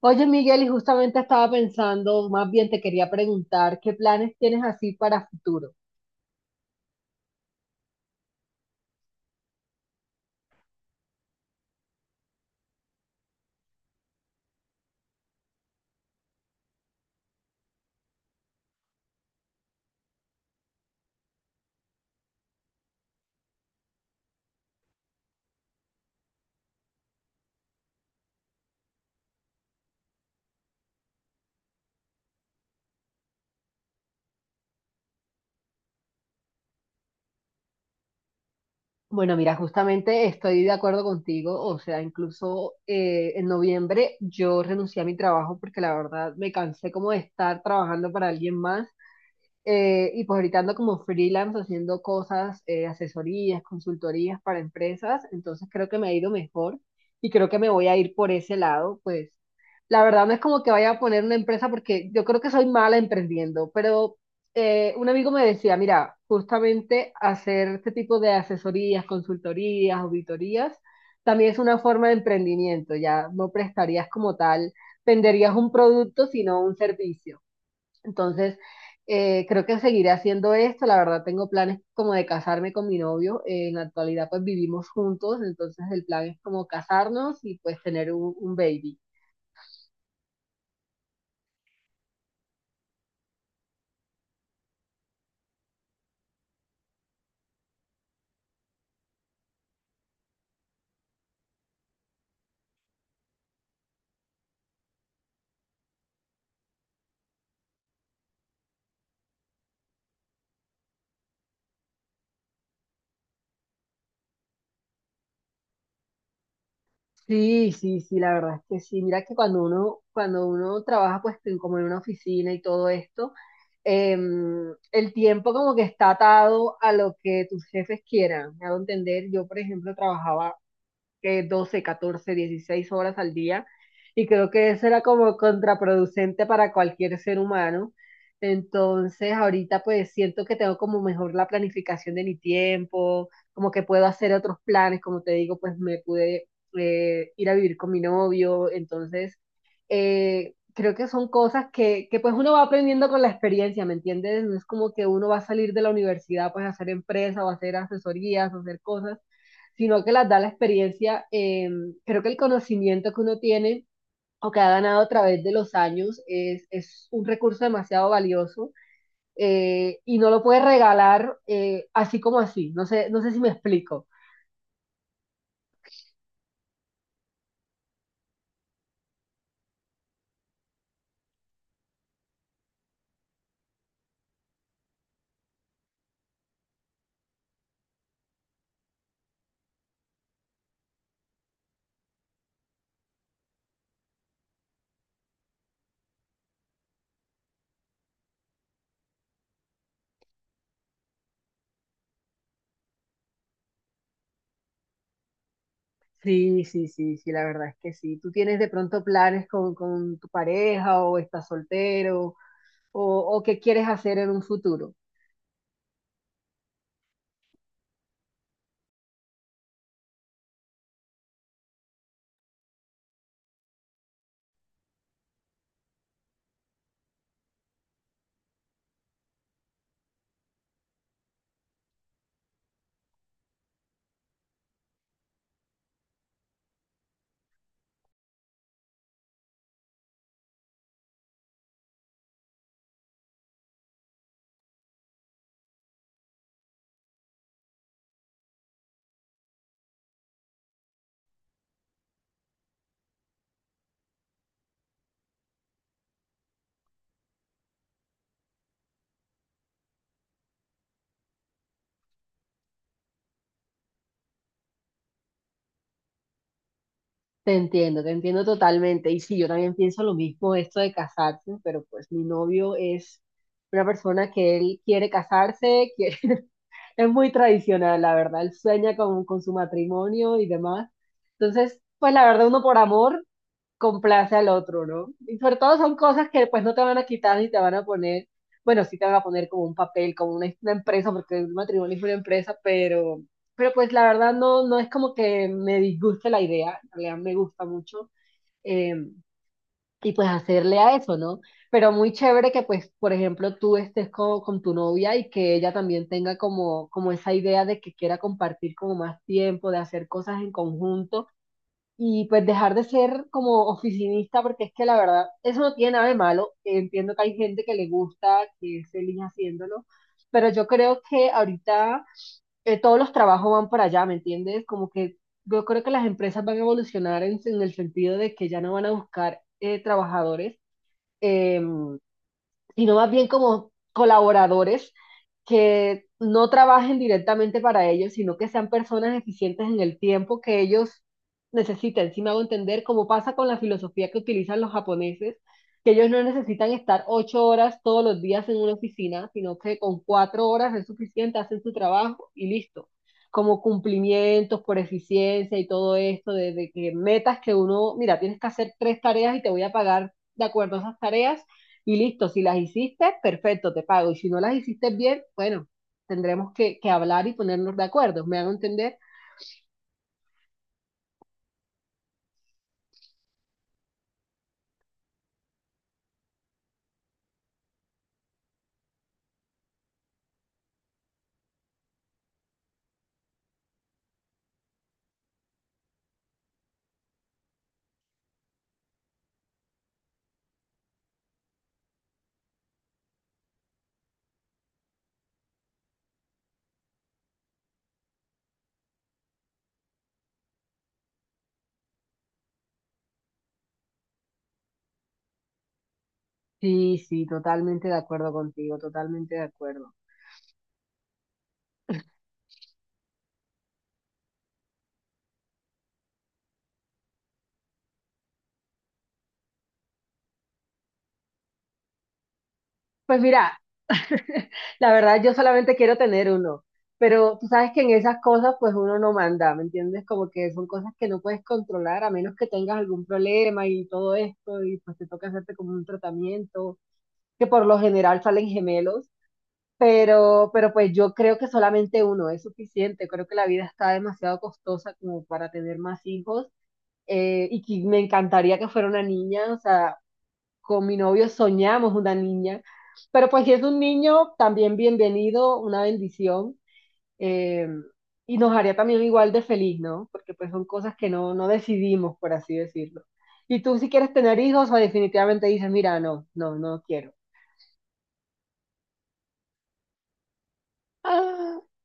Oye, Miguel, y justamente estaba pensando, más bien te quería preguntar, ¿qué planes tienes así para futuro? Bueno, mira, justamente estoy de acuerdo contigo, o sea, incluso en noviembre yo renuncié a mi trabajo porque la verdad me cansé como de estar trabajando para alguien más. Y pues ahorita ando como freelance haciendo cosas, asesorías, consultorías para empresas, entonces creo que me ha ido mejor y creo que me voy a ir por ese lado, pues la verdad no es como que vaya a poner una empresa porque yo creo que soy mala emprendiendo, pero un amigo me decía, mira, justamente hacer este tipo de asesorías, consultorías, auditorías, también es una forma de emprendimiento, ya no prestarías como tal, venderías un producto, sino un servicio. Entonces, creo que seguiré haciendo esto. La verdad tengo planes como de casarme con mi novio. En la actualidad pues vivimos juntos, entonces el plan es como casarnos y pues tener un baby. Sí, sí, sí, la verdad es que sí. Mira que cuando uno trabaja pues como en una oficina y todo esto, el tiempo como que está atado a lo que tus jefes quieran. Me hago entender, yo por ejemplo trabajaba 12 14 16 horas al día y creo que eso era como contraproducente para cualquier ser humano. Entonces, ahorita pues siento que tengo como mejor la planificación de mi tiempo, como que puedo hacer otros planes, como te digo, pues me pude ir a vivir con mi novio. Entonces, creo que son cosas que pues uno va aprendiendo con la experiencia, ¿me entiendes? No es como que uno va a salir de la universidad pues a hacer empresa o a hacer asesorías o hacer cosas, sino que las da la experiencia. Creo que el conocimiento que uno tiene o que ha ganado a través de los años es un recurso demasiado valioso. Y no lo puedes regalar así como así. No sé, no sé si me explico. Sí, sí, sí, sí, la verdad es que sí. Tú tienes de pronto planes con tu pareja, o estás soltero, o, o qué quieres hacer en un futuro. Te entiendo totalmente. Y sí, yo también pienso lo mismo, esto de casarse, pero pues mi novio es una persona que él quiere casarse, quiere- es muy tradicional, la verdad. Él sueña con su matrimonio y demás. Entonces, pues la verdad, uno por amor complace al otro, ¿no? Y sobre todo son cosas que pues, no te van a quitar ni te van a poner, bueno, sí te van a poner como un papel, como una empresa, porque el matrimonio es una empresa. Pero pues la verdad no, no es como que me disguste la idea, en realidad me gusta mucho. eh, y pues hacerle a eso, ¿no? Pero muy chévere que pues, por ejemplo, tú estés con tu novia y que ella también tenga como, como esa idea de que quiera compartir como más tiempo, de hacer cosas en conjunto y pues dejar de ser como oficinista, porque es que la verdad, eso no tiene nada de malo. Entiendo que hay gente que le gusta, que es feliz haciéndolo, pero yo creo que ahorita todos los trabajos van para allá, ¿me entiendes? Como que yo creo que las empresas van a evolucionar en el sentido de que ya no van a buscar trabajadores. em, Sino más bien como colaboradores que no trabajen directamente para ellos, sino que sean personas eficientes en el tiempo que ellos necesitan. Si me hago entender, como pasa con la filosofía que utilizan los japoneses, que ellos no necesitan estar 8 horas todos los días en una oficina, sino que con 4 horas es suficiente, hacen su trabajo y listo. Como cumplimientos por eficiencia y todo esto, de que metas que uno, mira, tienes que hacer tres tareas y te voy a pagar de acuerdo a esas tareas y listo, si las hiciste, perfecto, te pago. Y si no las hiciste bien, bueno, tendremos que hablar y ponernos de acuerdo. ¿Me hago entender? Sí, sí, totalmente de acuerdo contigo, totalmente de acuerdo. Pues mira, la verdad yo solamente quiero tener uno, pero tú sabes que en esas cosas pues uno no manda, ¿me entiendes? Como que son cosas que no puedes controlar a menos que tengas algún problema y todo esto y pues te toca hacerte como un tratamiento, que por lo general salen gemelos. Pero pues yo creo que solamente uno es suficiente. Creo que la vida está demasiado costosa como para tener más hijos. Y que me encantaría que fuera una niña. O sea, con mi novio soñamos una niña. Pero pues si es un niño, también bienvenido, una bendición. eh, y nos haría también igual de feliz, ¿no? Porque pues son cosas que no, no decidimos, por así decirlo. Y tú, si quieres tener hijos o definitivamente dices, mira, no, no, no quiero.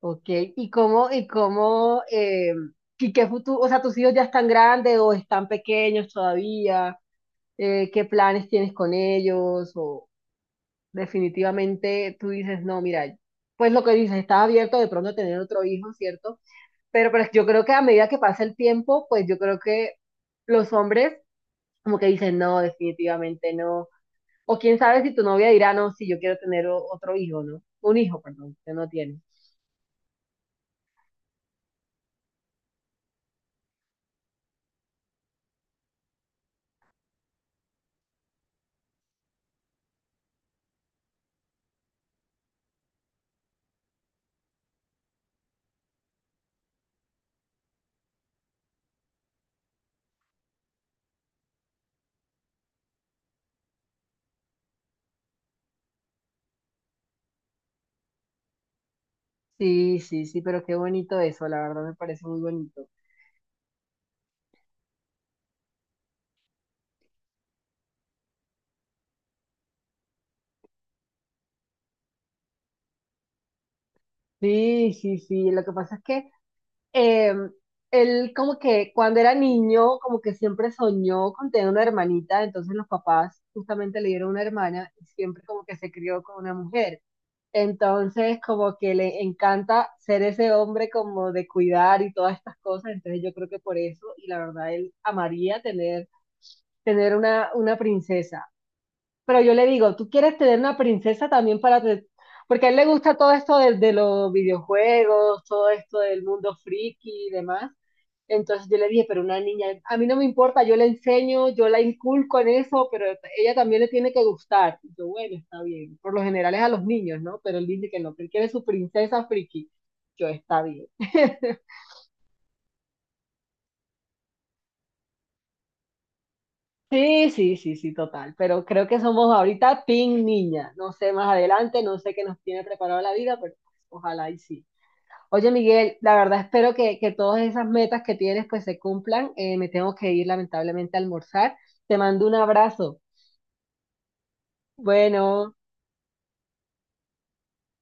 Ok, ¿y cómo, y qué futuro, o sea, tus hijos ya están grandes o están pequeños todavía? ¿Qué planes tienes con ellos? O definitivamente tú dices, no, mira, pues lo que dices, estás abierto de pronto a tener otro hijo, ¿cierto? Pero yo creo que a medida que pasa el tiempo, pues yo creo que los hombres como que dicen, no, definitivamente no. O quién sabe si tu novia dirá, no, si yo quiero tener otro hijo, ¿no? Un hijo, perdón, que no tiene. Sí, sí, sí, pero qué bonito eso, la verdad me parece muy bonito. Sí, sí, sí, lo que pasa es que eh, él como que cuando era niño, como que siempre soñó con tener una hermanita. Entonces los papás justamente le dieron una hermana y siempre como que se crió con una mujer. Entonces como que le encanta ser ese hombre como de cuidar y todas estas cosas, entonces yo creo que por eso, y la verdad él amaría tener, una princesa. Pero yo le digo, ¿tú quieres tener una princesa también para...? Te- Porque a él le gusta todo esto de los videojuegos, todo esto del mundo friki y demás. Entonces yo le dije, pero una niña, a mí no me importa, yo le enseño, yo la inculco en eso, pero ella también le tiene que gustar. Y yo, bueno, está bien. Por lo general es a los niños, ¿no? Pero él dice que no, que él quiere su princesa friki. Yo, está bien. Sí, sí, sí, sí, total. Pero creo que somos ahorita team niña. No sé más adelante, no sé qué nos tiene preparado la vida, pero pues, ojalá y sí. Oye, Miguel, la verdad espero que todas esas metas que tienes pues se cumplan. Me tengo que ir lamentablemente a almorzar. Te mando un abrazo. Bueno.